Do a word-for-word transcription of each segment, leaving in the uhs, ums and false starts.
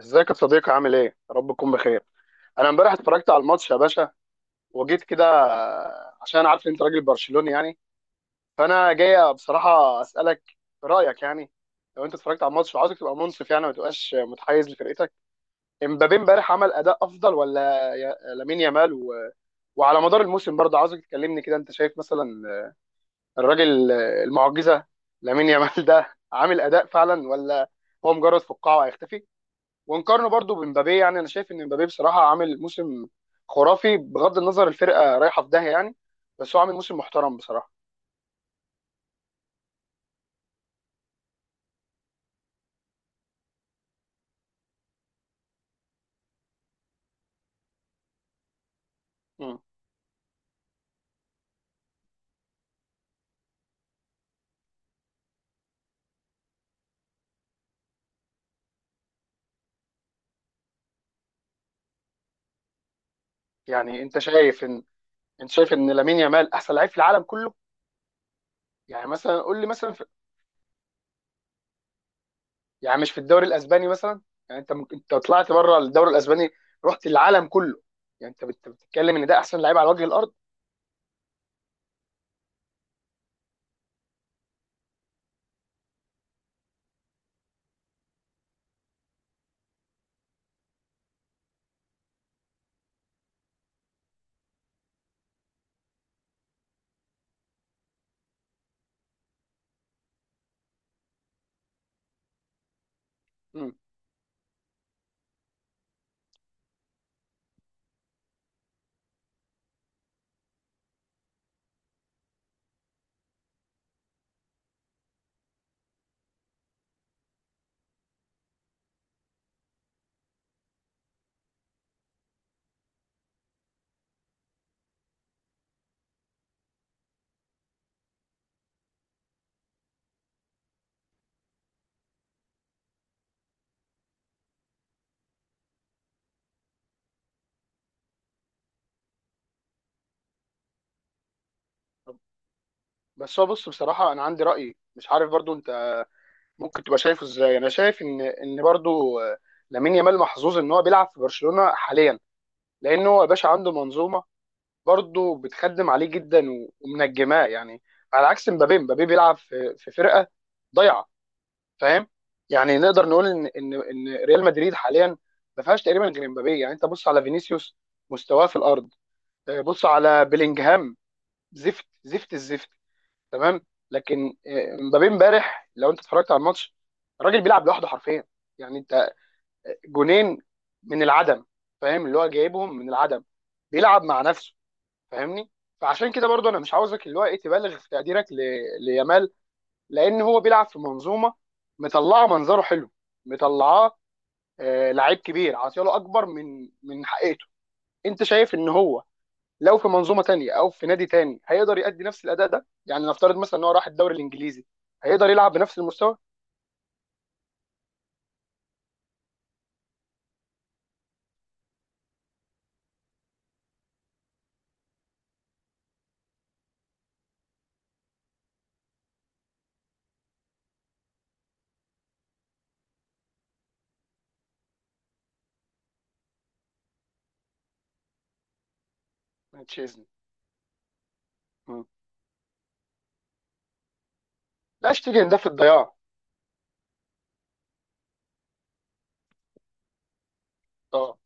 ازيك يا صديقي؟ عامل ايه؟ يا رب تكون بخير. انا امبارح اتفرجت على الماتش يا باشا وجيت كده. آه، عشان انا عارف ان انت راجل برشلوني يعني، فانا جاي بصراحه اسالك رايك يعني. لو انت اتفرجت على الماتش وعاوزك تبقى منصف، يعني ما تبقاش متحيز لفرقتك، امبابي امبارح عمل اداء افضل ولا يا- لامين يامال و... وعلى مدار الموسم برضه؟ عاوزك تكلمني كده انت شايف مثلا الراجل المعجزه لامين يامال ده عامل اداء فعلا، ولا هو مجرد فقاعه هيختفي؟ ونقارنه برضو بمبابي. يعني انا شايف ان مبابي بصراحه عامل موسم خرافي، بغض النظر الفرقه رايحه في داهيه يعني، بس هو عامل موسم محترم بصراحه. مم. يعني انت شايف ان انت شايف ان لامين يامال احسن لعيب في العالم كله؟ يعني مثلا قول لي مثلا في... يعني مش في الدوري الاسباني مثلا؟ يعني انت ممكن انت طلعت بره الدوري الاسباني رحت العالم كله، يعني انت بت- بتتكلم ان ده احسن لعيب على وجه الارض. مم. بس هو بص، بصراحه انا عندي راي مش عارف برضو انت ممكن تبقى شايفه ازاي. انا شايف ان ان برضو، آه، لامين يامال محظوظ ان هو بيلعب في برشلونه حاليا، لانه هو يا باشا عنده منظومه برضو بتخدم عليه جدا و- ومنجماه يعني، على عكس مبابي. مبابي بيلعب في في فرقه ضايعه، فاهم. يعني نقدر نقول ان ان ان ريال مدريد حاليا ما فيهاش تقريبا غير مبابي. يعني انت بص على فينيسيوس، مستواه في الارض. آه، بص على بيلينجهام، زفت زفت الزفت، تمام. لكن آه، مبابي امبارح لو انت اتفرجت على الماتش، الراجل بيلعب لوحده حرفيا. يعني انت، آه، جونين من العدم، فاهم؟ اللي هو جايبهم من العدم، بيلعب مع نفسه، فاهمني. فعشان كده برضو انا مش عاوزك اللي هو ايه تبالغ في تقديرك ل... ليامال، لان هو بيلعب في منظومه مطلعه منظره حلو، مطلعاه آه لعيب كبير، عاطياله اكبر من من حقيقته. انت شايف ان هو لو في منظومه تانية او في نادي تاني هيقدر يأدي نفس الاداء ده؟ يعني نفترض مثلا ان هو راح الدوري الانجليزي، هيقدر يلعب بنفس المستوى؟ مانشيزني. مم. لا، اشتري ده في الضياع. اه.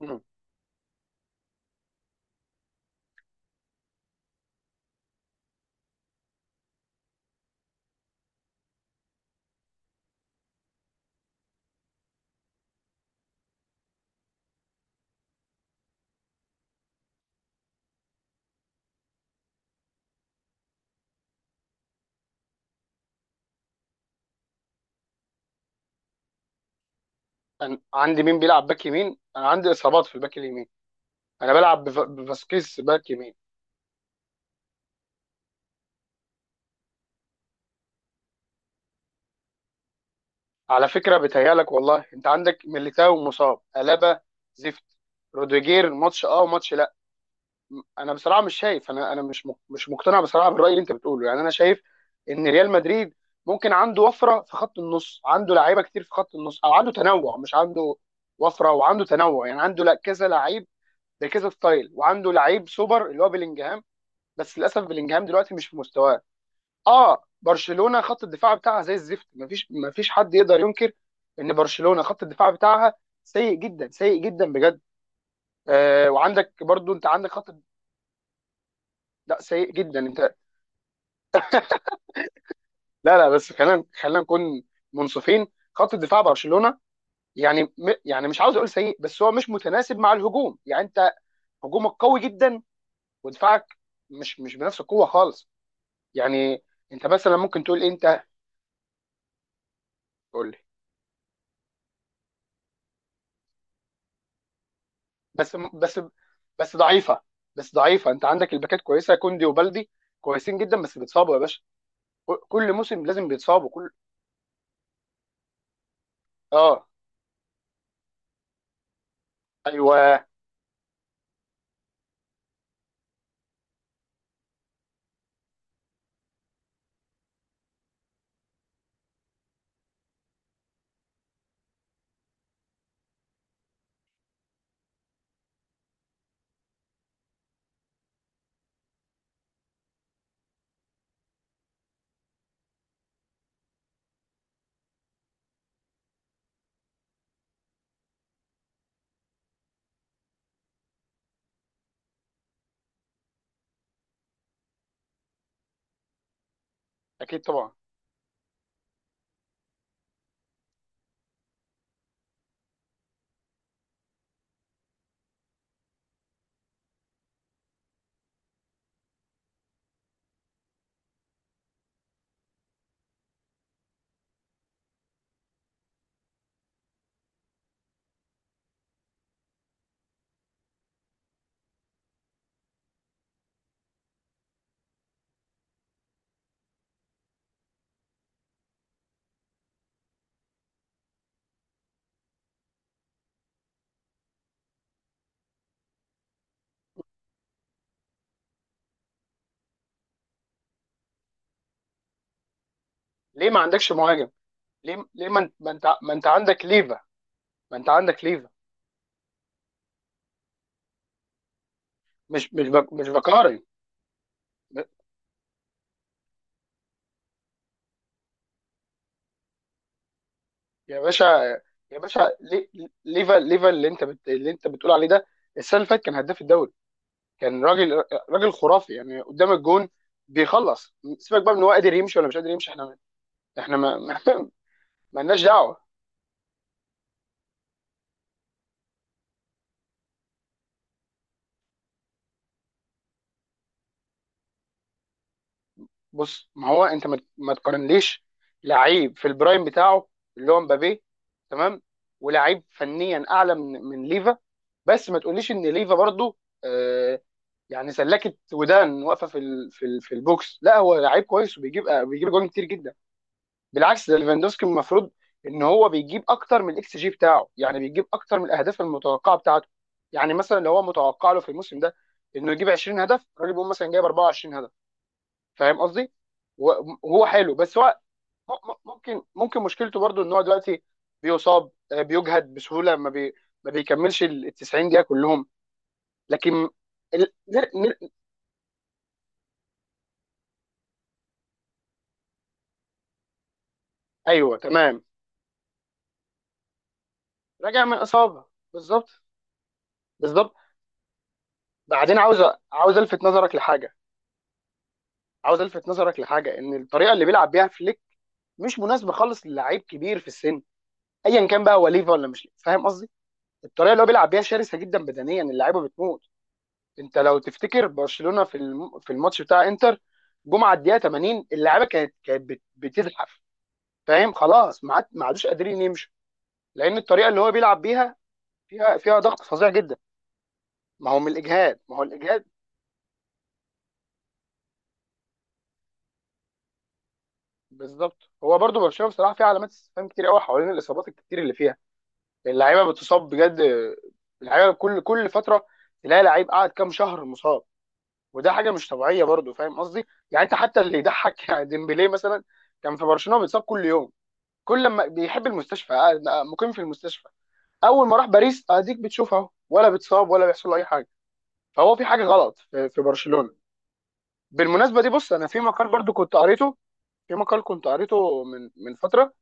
مم. انا عندي مين بيلعب باك يمين؟ انا عندي اصابات في الباك اليمين، انا بلعب بف- بفاسكيز باك يمين. على فكره، بتهيالك والله، انت عندك ميليتاو مصاب، ألابا زفت، روديجير ماتش اه وماتش. انا بصراحه مش شايف، انا انا مش مش مقتنع بصراحه بالراي اللي انت بتقوله. يعني انا شايف ان ريال مدريد ممكن عنده وفره في خط النص، عنده لعيبه كتير في خط النص، او عنده تنوع. مش عنده وفره، وعنده تنوع. يعني عنده لا كذا لعيب بكذا ستايل، وعنده لعيب سوبر اللي هو بلينجهام، بس للاسف بلينجهام دلوقتي مش في مستواه. اه، برشلونه خط الدفاع بتاعها زي الزفت، مفيش مفيش حد يقدر ينكر ان برشلونه خط الدفاع بتاعها سيء جدا، سيء جدا بجد. آه وعندك برضو، انت عندك خط. لا سيء جدا انت. لا لا، بس خلينا خلينا نكون منصفين. خط الدفاع برشلونه، يعني م... يعني مش عاوز اقول سيء، بس هو مش متناسب مع الهجوم. يعني انت هجومك قوي جدا، ودفاعك مش مش بنفس القوه خالص. يعني انت مثلا ممكن تقول إيه؟ انت قول لي. بس بس بس ضعيفه، بس ضعيفه. انت عندك الباكات كويسه، كوندي وبلدي كويسين جدا، بس بيتصابوا يا باشا. ك- كل موسم لازم بيتصابوا كل. اه. ايوه. اكيد طبعا. ليه ما عندكش مهاجم؟ ليه؟ ليه ما انت ما انت ما انت عندك ليفا، ما انت عندك ليفا. مش مش بق... مش بقارن. ب- يا باشا، يا باشا لي- ليفا، ليفا اللي انت بت... اللي انت بتقول عليه ده السنه اللي فاتت كان هداف الدوري، كان راجل، راجل خرافي يعني قدام الجون، بيخلص. سيبك بقى من هو قادر يمشي ولا مش قادر يمشي، احنا احنا ما ما ما لناش دعوه. بص، ما هو انت، ما, ما تقارنليش لعيب في البرايم بتاعه اللي هو مبابي، تمام، ولعيب فنيا اعلى من من ليفا. بس ما تقوليش ان ليفا برضو، آه، يعني سلكت ودان واقفه في ال... في ال... في البوكس. لا، هو لعيب كويس، وبيجيب، آه، بيجيب جوان كتير جدا. بالعكس، ده ليفاندوسكي المفروض ان هو بيجيب اكتر من الاكس جي بتاعه، يعني بيجيب اكتر من الاهداف المتوقعه بتاعته. يعني مثلا لو هو متوقع له في الموسم ده انه يجيب عشرين هدف، الراجل بيقول مثلا جايب اربعة وعشرين هدف، فاهم قصدي. و- وهو حلو، بس هو م- م- ممكن ممكن مشكلته برضو ان هو دلوقتي بيصاب، آه، بيجهد بسهوله، ما بي ما بيكملش ال التسعين دقيقه كلهم. لكن ال... نر... نر... ايوه تمام. راجع من اصابه. بالظبط. بالظبط. بعدين عاوز، عاوز الفت نظرك لحاجه عاوز الفت نظرك لحاجه. ان الطريقه اللي بيلعب بيها فليك مش مناسبه خالص للعيب كبير في السن، ايا كان بقى هو ليفا ولا مش ليفا. فاهم قصدي. الطريقه اللي هو بيلعب بيها شرسه جدا بدنيا، اللعيبه بتموت. انت لو تفتكر برشلونه في الم... في الماتش بتاع انتر جمعه، الدقيقه تمانين اللعيبه كانت كانت بت... بتزحف. فاهم؟ خلاص ما عاد- ما عادوش قادرين يمشوا، لان الطريقه اللي هو بيلعب بيها فيها فيها ضغط فظيع جدا. ما هو من الاجهاد، ما هو الاجهاد. بالظبط. هو برضو برشلونه بصراحه فيها علامات استفهام كتير قوي حوالين الاصابات الكتير اللي فيها. اللعيبه بتصاب بجد، اللعيبه كل كل فتره تلاقي لعيب قاعد كام شهر مصاب، وده حاجه مش طبيعيه برضو، فاهم قصدي. يعني انت حتى اللي يضحك يعني ديمبلي مثلا كان في برشلونه بيتصاب كل يوم، كل لما بيحب المستشفى قاعد، مقيم في المستشفى. اول ما راح باريس اديك بتشوف، اهو ولا بيتصاب ولا بيحصل له اي حاجه. فهو في حاجه غلط في في برشلونه. بالمناسبه دي، بص انا في مقال برضو كنت قريته، في مقال كنت قريته من من فتره،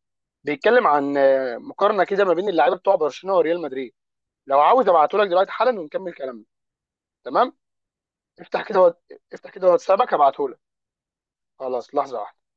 بيتكلم عن، آه، مقارنه كده ما بين اللعيبه بتوع برشلونه وريال مدريد. لو عاوز ابعته لك دلوقتي حالا ونكمل كلامنا. تمام. افتح كده وات- افتح كده واتسابك هبعته لك. خلاص، لحظه واحدة.